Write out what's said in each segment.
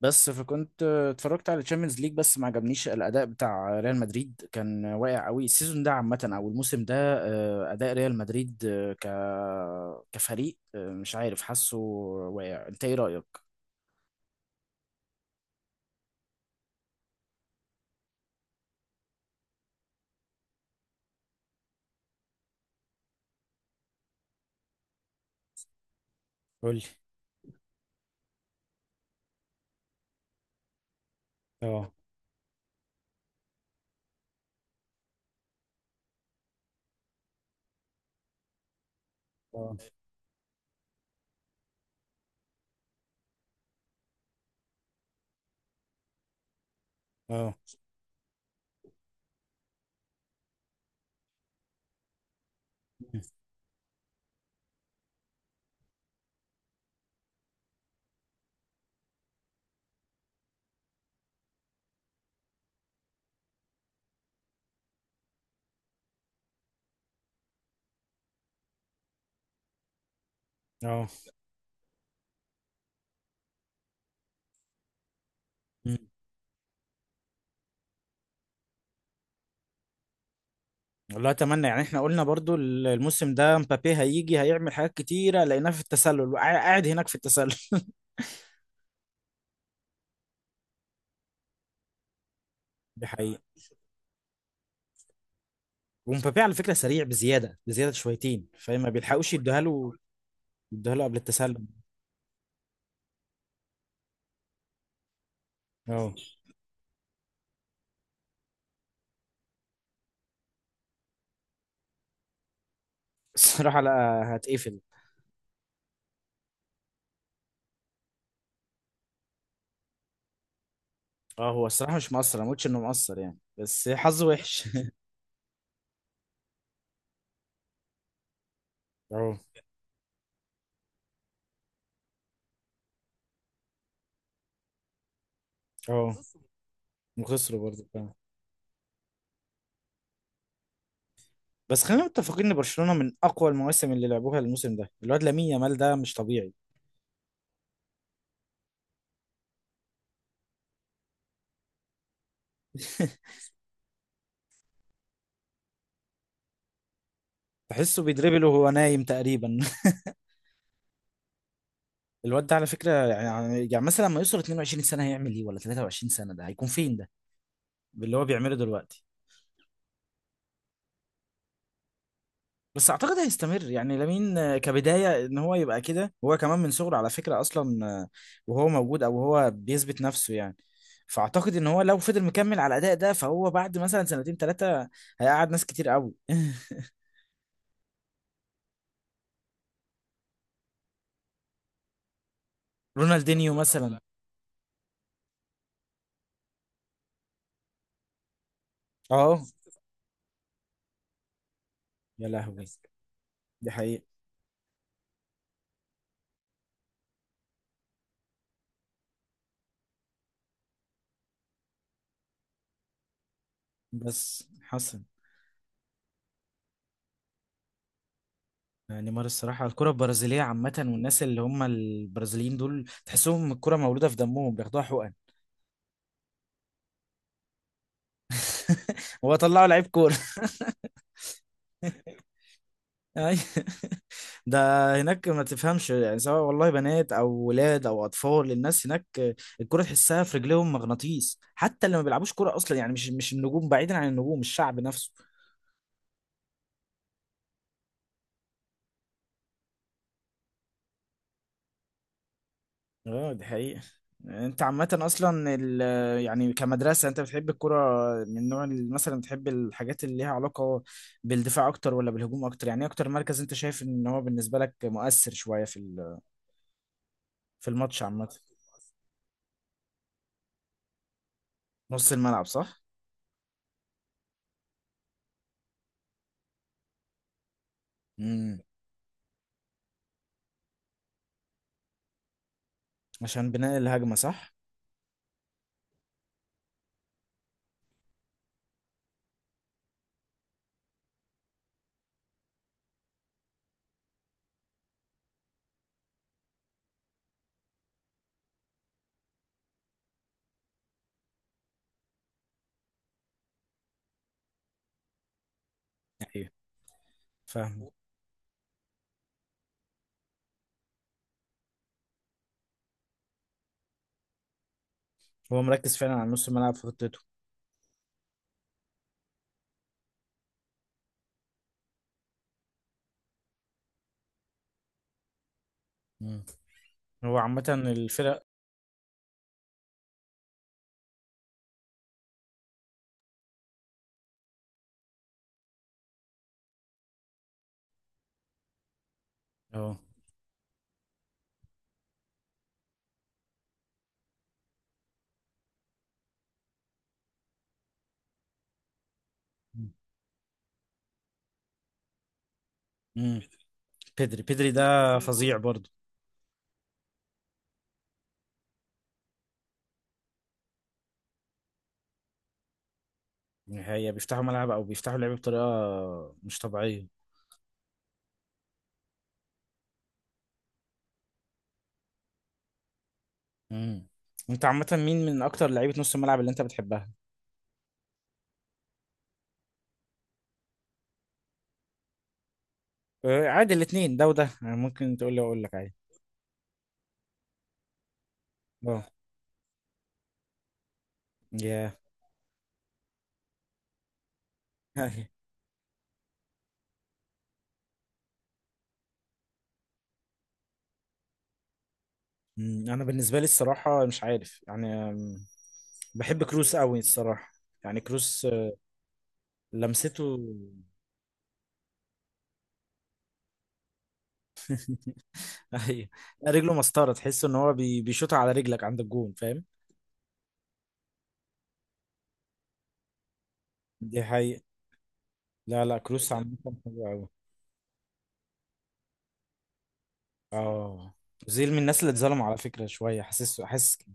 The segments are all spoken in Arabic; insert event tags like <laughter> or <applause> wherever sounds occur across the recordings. بس فكنت اتفرجت على تشامبيونز ليج، بس ما عجبنيش الاداء بتاع ريال مدريد، كان واقع قوي السيزون ده عامه، او الموسم ده اداء ريال مدريد كفريق مش عارف، حاسه واقع، انت ايه رايك؟ قول لي. اه. اه. اه. اه. مم. والله اتمنى، يعني احنا قلنا برضو الموسم ده مبابي هيجي هيعمل حاجات كتيره، لقيناه في التسلل قاعد هناك في التسلل. <laughs> دي حقيقة. ومبابي على فكره سريع بزياده، شويتين، فما بيلحقوش يديها له قبل التسلل. اه. الصراحة لا. هتقفل. اه، هو الصراحة مش مقصر، انا مقلتش انه مقصر يعني، بس حظه وحش. <laughs> اه. اه. وخسروا برضه فعلا. بس خلينا متفقين ان برشلونة من اقوى المواسم اللي لعبوها، الموسم ده الواد لامين يامال ده مش طبيعي. <laughs> تحسه بيدربل وهو نايم تقريبا. <laughs> الواد ده على فكرة، يعني مثلا لما يوصل 22 سنة هيعمل ايه؟ ولا 23 سنة ده هيكون فين ده باللي هو بيعمله دلوقتي؟ بس اعتقد هيستمر، يعني لامين كبدايه ان هو يبقى كده، هو كمان من صغره على فكره اصلا وهو موجود، او هو بيثبت نفسه يعني. فاعتقد ان هو لو فضل مكمل على الاداء ده، فهو بعد مثلا سنتين ثلاثه هيقعد ناس كتير قوي. <laughs> رونالدينيو مثلا. اه. يا لهوي. دي حقيقه. بس حسن. نيمار الصراحه، الكره البرازيليه عامه، والناس اللي هم البرازيليين دول تحسهم الكره مولوده في دمهم، بياخدوها حقن. <laughs> هو طلعوا لعيب كوره. أي. <laughs> ده هناك ما تفهمش يعني، سواء والله بنات او ولاد او اطفال، الناس هناك الكرة تحسها في رجليهم مغناطيس، حتى اللي ما بيلعبوش كرة اصلا يعني، مش النجوم، بعيدا عن النجوم الشعب نفسه. اه دي حقيقة. انت عامة اصلا يعني كمدرسة، انت بتحب الكرة من نوع مثلا، بتحب الحاجات اللي ليها علاقة بالدفاع اكتر ولا بالهجوم اكتر؟ يعني ايه اكتر مركز انت شايف ان هو بالنسبة لك مؤثر شوية في في الماتش عامة؟ نص الملعب صح؟ امم. عشان بناء الهجمة صح؟ ايوه. فاهم. هو مركز فعلا على نص الملعب في خطته. مم. هو عامة الفرق. اه. امم. بيدري ده فظيع برضه. هي بيفتحوا ملعب او بيفتحوا لعب بطريقة مش طبيعية. امم. انت عامة مين من اكتر لعيبة نص الملعب اللي انت بتحبها؟ عادي، الاثنين ده وده يعني، ممكن تقول لي اقول لك عادي. اه يا. <laughs> انا بالنسبة لي الصراحة مش عارف يعني بحب كروس قوي الصراحة. يعني كروس لمسته ايوه، رجله مسطره، تحس ان هو بيشوط على رجلك عند الجون، فاهم؟ دي حقيقة. لا لا، كروس عامة حلو قوي. اه. اوزيل من الناس اللي اتظلموا على فكرة شوية، حاسس حاسس كده.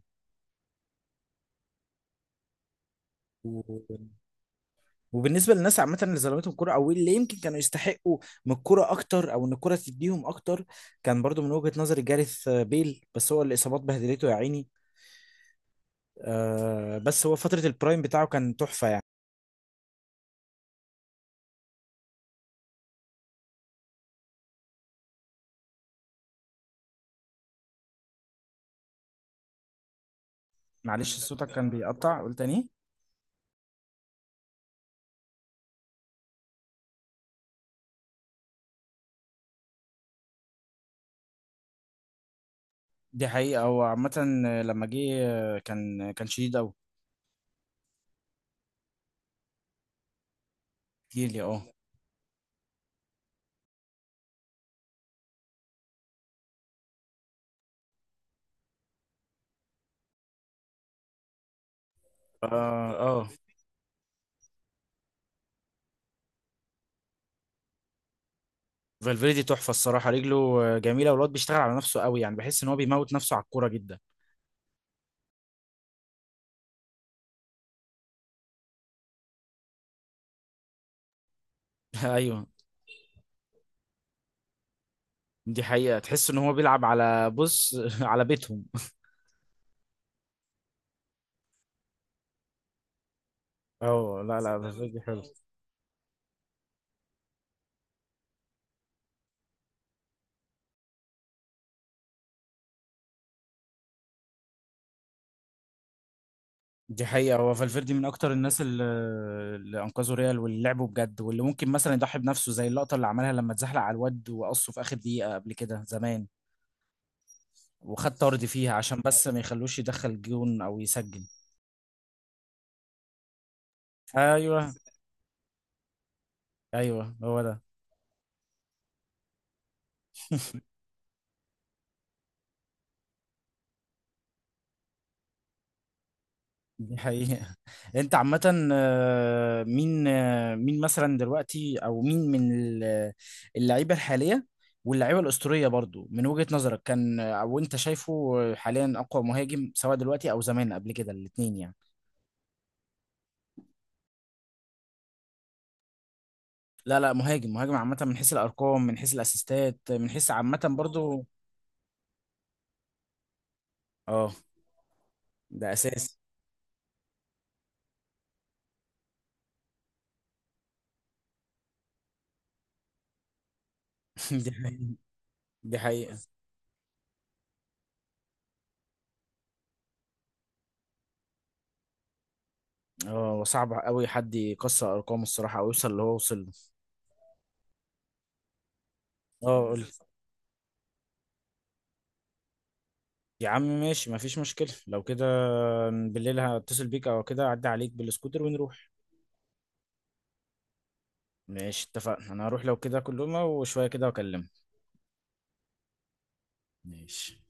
و... وبالنسبة للناس عامة اللي ظلمتهم الكورة او اللي يمكن كانوا يستحقوا من الكورة اكتر، او ان الكورة تديهم اكتر، كان برضو من وجهة نظري جاريث بيل، بس هو الاصابات بهدلته يا عيني. آه، بس هو فترة البرايم بتاعه كان تحفة يعني. معلش صوتك كان بيقطع، قول تاني. دي حقيقة، هو عامة لما جه كان شديد أوي. كتير لي اه. اه. اه. فالفيردي تحفة الصراحة، رجله جميلة، والواد بيشتغل على نفسه أوي، يعني بحس إن هو بيموت نفسه على الكورة جدا. <laughs> أيوه. دي حقيقة، تحس إن هو بيلعب على بص <laughs> على بيتهم. اه لا لا، فالفيردي حلو. دي حقيقة، هو فالفيردي من أكتر الناس اللي أنقذوا ريال، واللي لعبوا بجد، واللي ممكن مثلا يضحي بنفسه، زي اللقطة اللي عملها لما اتزحلق على الواد وقصه في آخر دقيقة قبل كده زمان، وخد طرد فيها عشان بس ما يخلوش يدخل جون او يسجل. ايوه ايوه هو ده. دي حقيقة. <laughs> انت عامة، مين مثلا دلوقتي، او مين من اللعيبة الحالية واللعيبة الأسطورية برضو من وجهة نظرك كان او انت شايفه حاليا اقوى مهاجم، سواء دلوقتي او زمان قبل كده، الاتنين يعني؟ لا لا مهاجم مهاجم عامة، من حيث الارقام، من حيث الاسيستات، من حيث عامة برضو. اه ده اساسي. <laughs> دي حقيقة. دي حقيقة. اه، وصعب قوي حد يكسر ارقامه الصراحه او يوصل اللي هو وصل له. اه قول وصل لي. يا عم ماشي، مفيش مشكله لو كده، بالليل هتصل بيك او كده اعدي عليك بالسكوتر ونروح. ماشي اتفقنا، انا هروح لو كده كلهم وشويه كده واكلمك. ماشي.